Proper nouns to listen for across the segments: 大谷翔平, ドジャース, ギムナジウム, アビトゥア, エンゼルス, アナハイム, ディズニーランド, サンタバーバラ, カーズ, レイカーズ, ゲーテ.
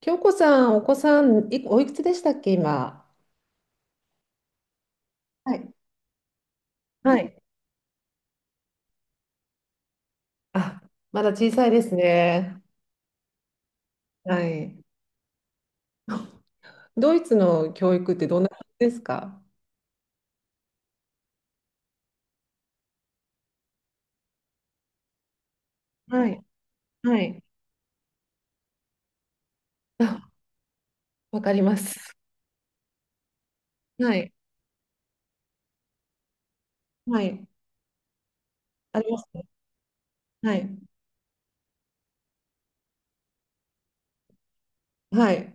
京子さん、お子さん、おいくつでしたっけ、今。はい。はい。あ、まだ小さいですね。はい。ドイツの教育ってどんな感じですか？はい。はい。あ、わかります。はい。はい。ありますね。はい。はい。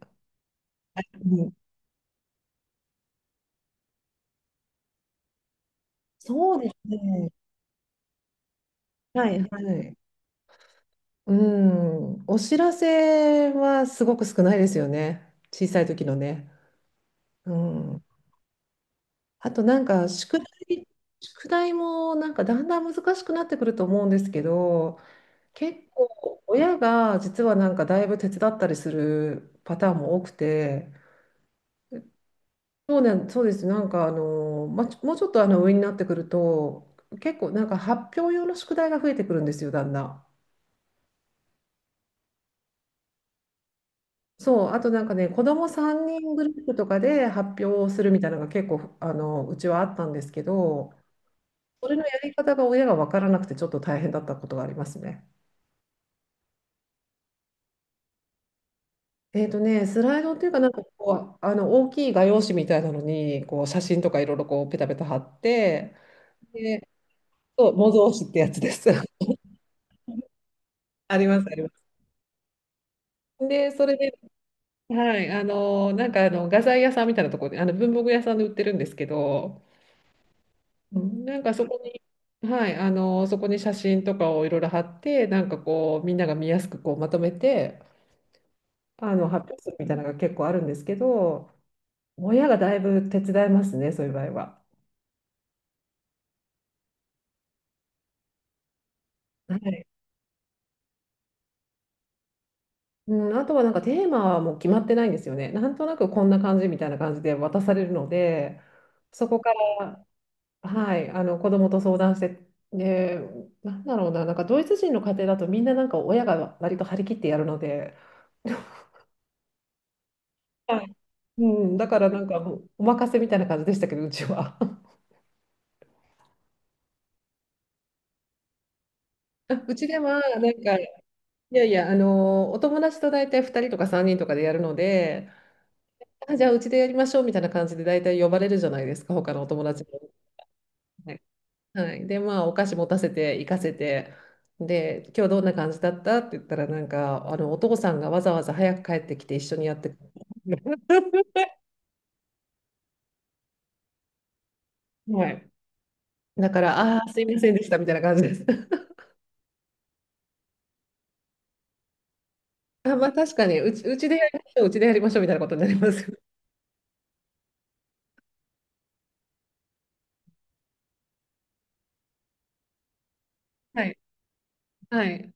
うん、そうですね。はい。はい。うん。お知らせはすごく少ないですよね。小さい時のね。うん。あとなんか題、宿題もなんかだんだん難しくなってくると思うんですけど、結構親が実はなんかだいぶ手伝ったりするパターンも多くて、そうね、そうです。なんかあの、ま、もうちょっとあの上になってくると、結構なんか発表用の宿題が増えてくるんですよ、だんだん。そう、あとなんかね、子供3人グループとかで発表をするみたいなのが結構あのうちはあったんですけど、それのやり方が親が分からなくてちょっと大変だったことがありますね。えっとね、スライドっていうか、なんかこう、あの大きい画用紙みたいなのに、こう写真とかいろいろこうペタペタ貼って、で、そう、模造紙ってやつです。あります、あります。で、それで、はい、あの、なんかあの画材屋さんみたいなところで、あの文房具屋さんで売ってるんですけど、うんなんかそこに、はい、あの、そこに写真とかをいろいろ貼って、なんかこう、みんなが見やすくこうまとめて、あの発表するみたいなのが結構あるんですけど、親がだいぶ手伝いますね、そういう場合は。はい。うん、あとはなんかテーマはもう決まってないんですよね。なんとなくこんな感じみたいな感じで渡されるので、そこから、はい、あの子供と相談して、で、なんだろうな、なんかドイツ人の家庭だとみんななんか親が割と張り切ってやるので、はい、うん、だからなんかもうお任せみたいな感じでしたけど、うちは。うちではなんか、いやいや、あのお友達と大体2人とか3人とかでやるので、あ、じゃあうちでやりましょうみたいな感じで大体呼ばれるじゃないですか、他のお友達も。はい。で、まあ、お菓子持たせて、行かせて、で、今日どんな感じだったって言ったら、なんか、あの、お父さんがわざわざ早く帰ってきて一緒にやってくれた。 はい。だから、ああー、すいませんでした、みたいな感じです。あ、まあ、確かに、うちでやりましょう、うちでやりましょう、みたいなことになります。はい。はい。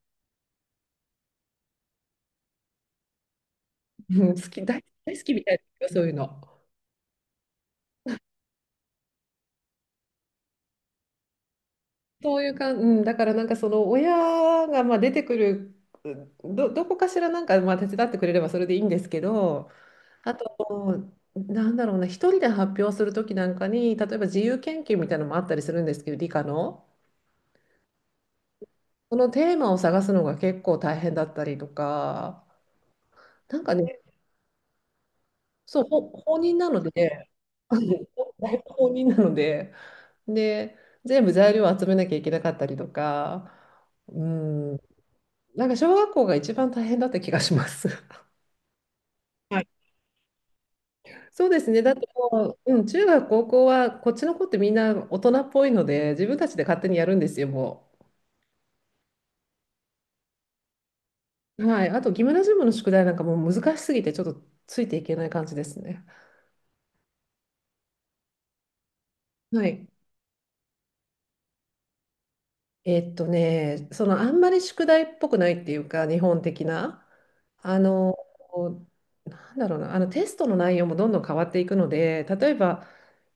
うん、好き、大好きみたいな、そういうの。そういうか、うん、だからなんかその親がまあ出てくる、どこかしらなんかまあ手伝ってくれればそれでいいんですけど、あと、なんだろうな、一人で発表するときなんかに、例えば自由研究みたいなのもあったりするんですけど、理科の。そのテーマを探すのが結構大変だったりとか、なんかね、そう、放任なので、だいぶ放任なので、で、全部材料を集めなきゃいけなかったりとか、うん、なんか小学校が一番大変だった気がします。そうですね。だってもう、うん、中学、高校は、こっちの子ってみんな大人っぽいので、自分たちで勝手にやるんですよ、もう。はい。あと、ギムナジウムの宿題なんかもう難しすぎて、ちょっとついていけない感じですね。はい。えっとね、そのあんまり宿題っぽくないっていうか、日本的な、あの、なんだろうな、あのテストの内容もどんどん変わっていくので、例えば、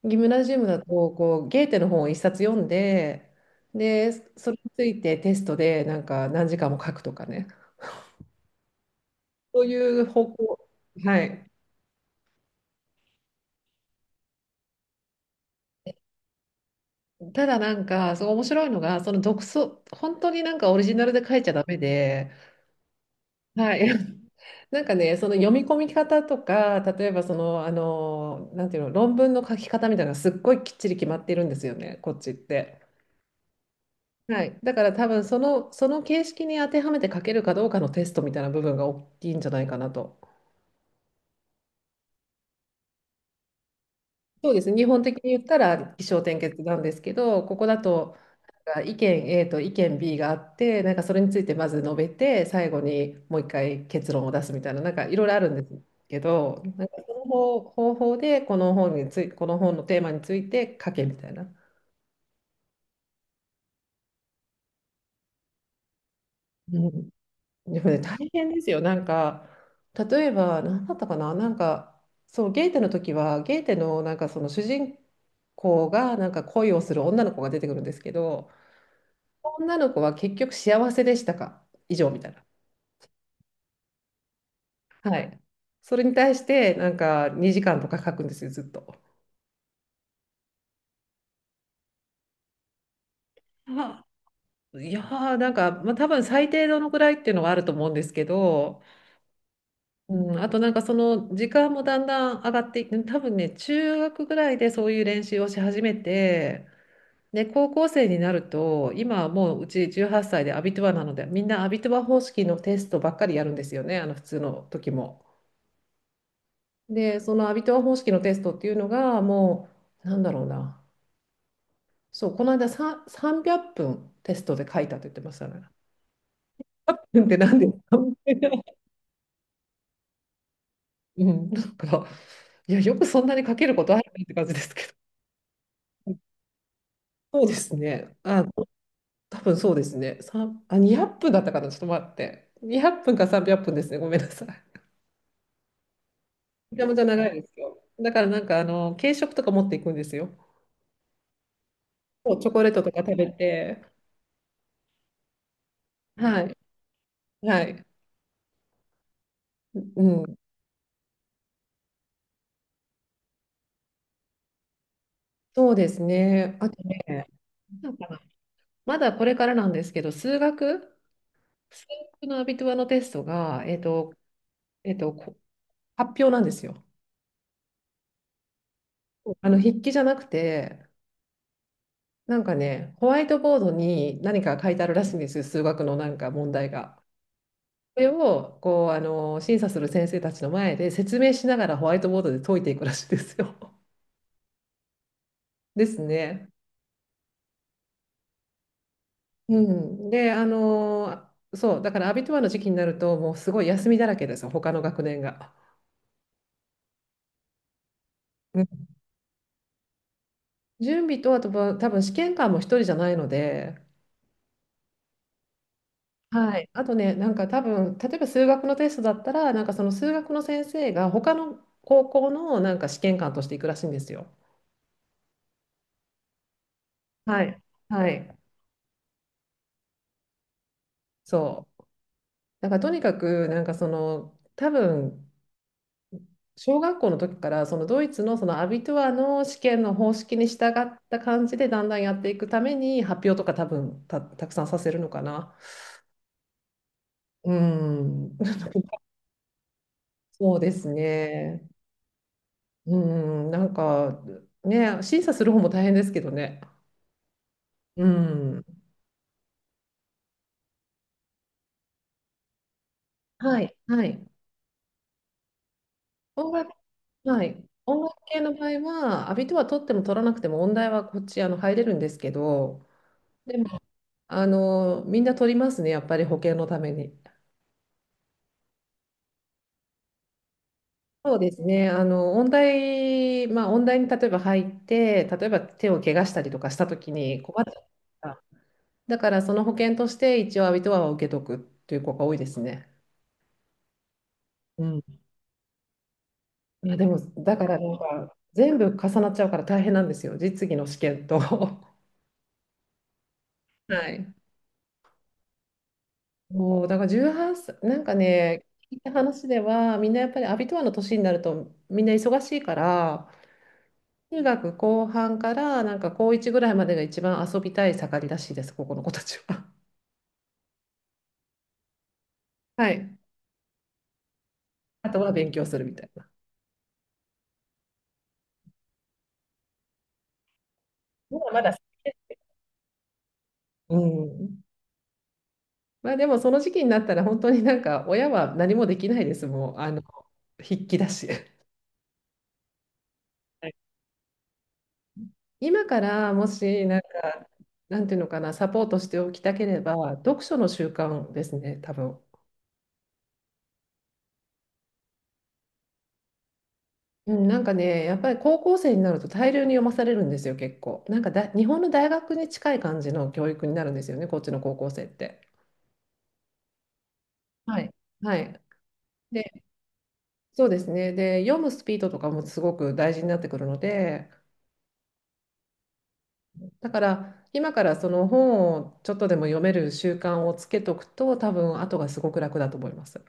ギムナジウムだと、こう、ゲーテの本を一冊読んで、で、それについてテストでなんか何時間も書くとかね、そういう方向、はい。ただなんか、そう面白いのが、その独創、本当になんかオリジナルで書いちゃダメで、はい。なんかね、その読み込み方とか、例えばその、あの、なんていうの、論文の書き方みたいなのがすっごいきっちり決まっているんですよね、こっちって。はい。だから多分その形式に当てはめて書けるかどうかのテストみたいな部分が大きいんじゃないかなと。そうですね。日本的に言ったら起承転結なんですけど、ここだとが意見 A と意見 B があって、なんかそれについてまず述べて、最後にもう一回結論を出すみたいな、なんかいろいろあるんですけど、なんか方法でこの本のテーマについて書けみたいな。うん、でもね、大変ですよ。なんか、例えば、何だったかな、なんか、そう、ゲーテの時は、ゲーテのなんかその主人公がなんか恋をする女の子が出てくるんですけど、女の子は結局幸せでしたか？以上みたいな。はい。それに対して、なんか2時間とか書くんですよ、ずっと。あ、いやー、なんか、まあ、多分最低どのくらいっていうのはあると思うんですけど、うん、あとなんかその時間もだんだん上がっていって、多分ね、中学ぐらいでそういう練習をし始めて、で、高校生になると、今はもううち18歳でアビトゥアなので、みんなアビトゥア方式のテストばっかりやるんですよね、あの普通の時も。で、そのアビトゥア方式のテストっていうのが、もう、なんだろうな。そう、この間さ300分テストで書いたと言ってましたね。300分っぷんって何ですか？ うん、なんか、いや、よくそんなに書けることあるねって感じですけど。そうですね。あ、多分そうですね。3、あ、200分だったかな。ちょっと待って。200分か300分ですね。ごめんなさい。めちゃめちゃ長いですよ。だからなんか、あの、軽食とか持っていくんですよ。そう、チョコレートとか食べて。はい。はい。うん。そうですね。あとね、なんかなまだこれからなんですけど、数学のアビトゥアのテストが、えっと、えっと、こ発表なんですよ。あの筆記じゃなくて、なんかね、ホワイトボードに何か書いてあるらしいんですよ、数学のなんか問題が。それをこうあの審査する先生たちの前で説明しながらホワイトボードで解いていくらしいですよ。ですね。うん、で、あの、そう、だからアビトゥアの時期になると、もうすごい休みだらけですよ、他の学年が。うん。準備と、あとは多分試験官も一人じゃないので、はい、あとね、なんか多分、例えば数学のテストだったら、なんかその数学の先生が他の高校のなんか試験官として行くらしいんですよ。はい。はい。そう。だからとにかく、なんかその、多分、小学校の時から、そのドイツのそのアビトゥアの試験の方式に従った感じで、だんだんやっていくために、発表とか多分たくさんさせるのかな。うん。そうですね。うん。なんか、ね、審査する方も大変ですけどね。うん。はい、はい。音楽、はい。音楽系の場合は、アビとは取っても取らなくても、音大はこっちあの入れるんですけど、でも、あの、みんな取りますね、やっぱり保険のために。そうですね、あの、音大、まあ、音大に例えば入って、例えば手を怪我したりとかしたときに困っちゃうから。だから、その保険として一応アビトアは受けとくっていう子が多いですね。うん。いや、でも、だからなんか、全部重なっちゃうから大変なんですよ、実技の試験と。はい。もうだから18歳、なんかね、聞いた話では、みんなやっぱりアビトアの年になると、みんな忙しいから、中学後半から、なんか高1ぐらいまでが一番遊びたい盛りらしいです、ここの子たちは。はい。あとは勉強するみたいな。まだまだ。うん。まあでも、その時期になったら、本当になんか、親は何もできないです、もう、あの、筆記だし。はい。今からもし、なんか、なんていうのかな、サポートしておきたければ、読書の習慣ですね、多分。うん、なんかね、やっぱり高校生になると大量に読まされるんですよ、結構。なんかだ、日本の大学に近い感じの教育になるんですよね、こっちの高校生って。はい。はい。で、そうですね。で、読むスピードとかもすごく大事になってくるので、だから今からその本をちょっとでも読める習慣をつけとくと、多分後がすごく楽だと思います。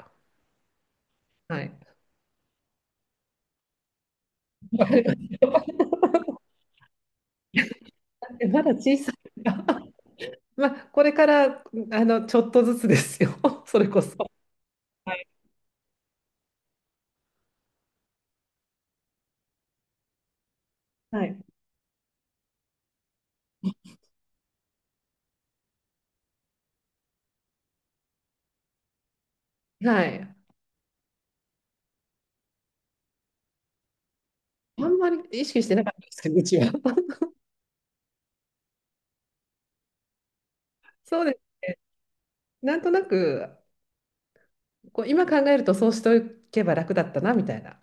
はい。わかりますよ。だってまだ小さいから。まあ、これからあのちょっとずつですよ、それこそ。はい。はい。はい。あんまり意識してなかったですけど、うちは。そうです。なんとなく、こう今考えるとそうしておけば楽だったなみたいな。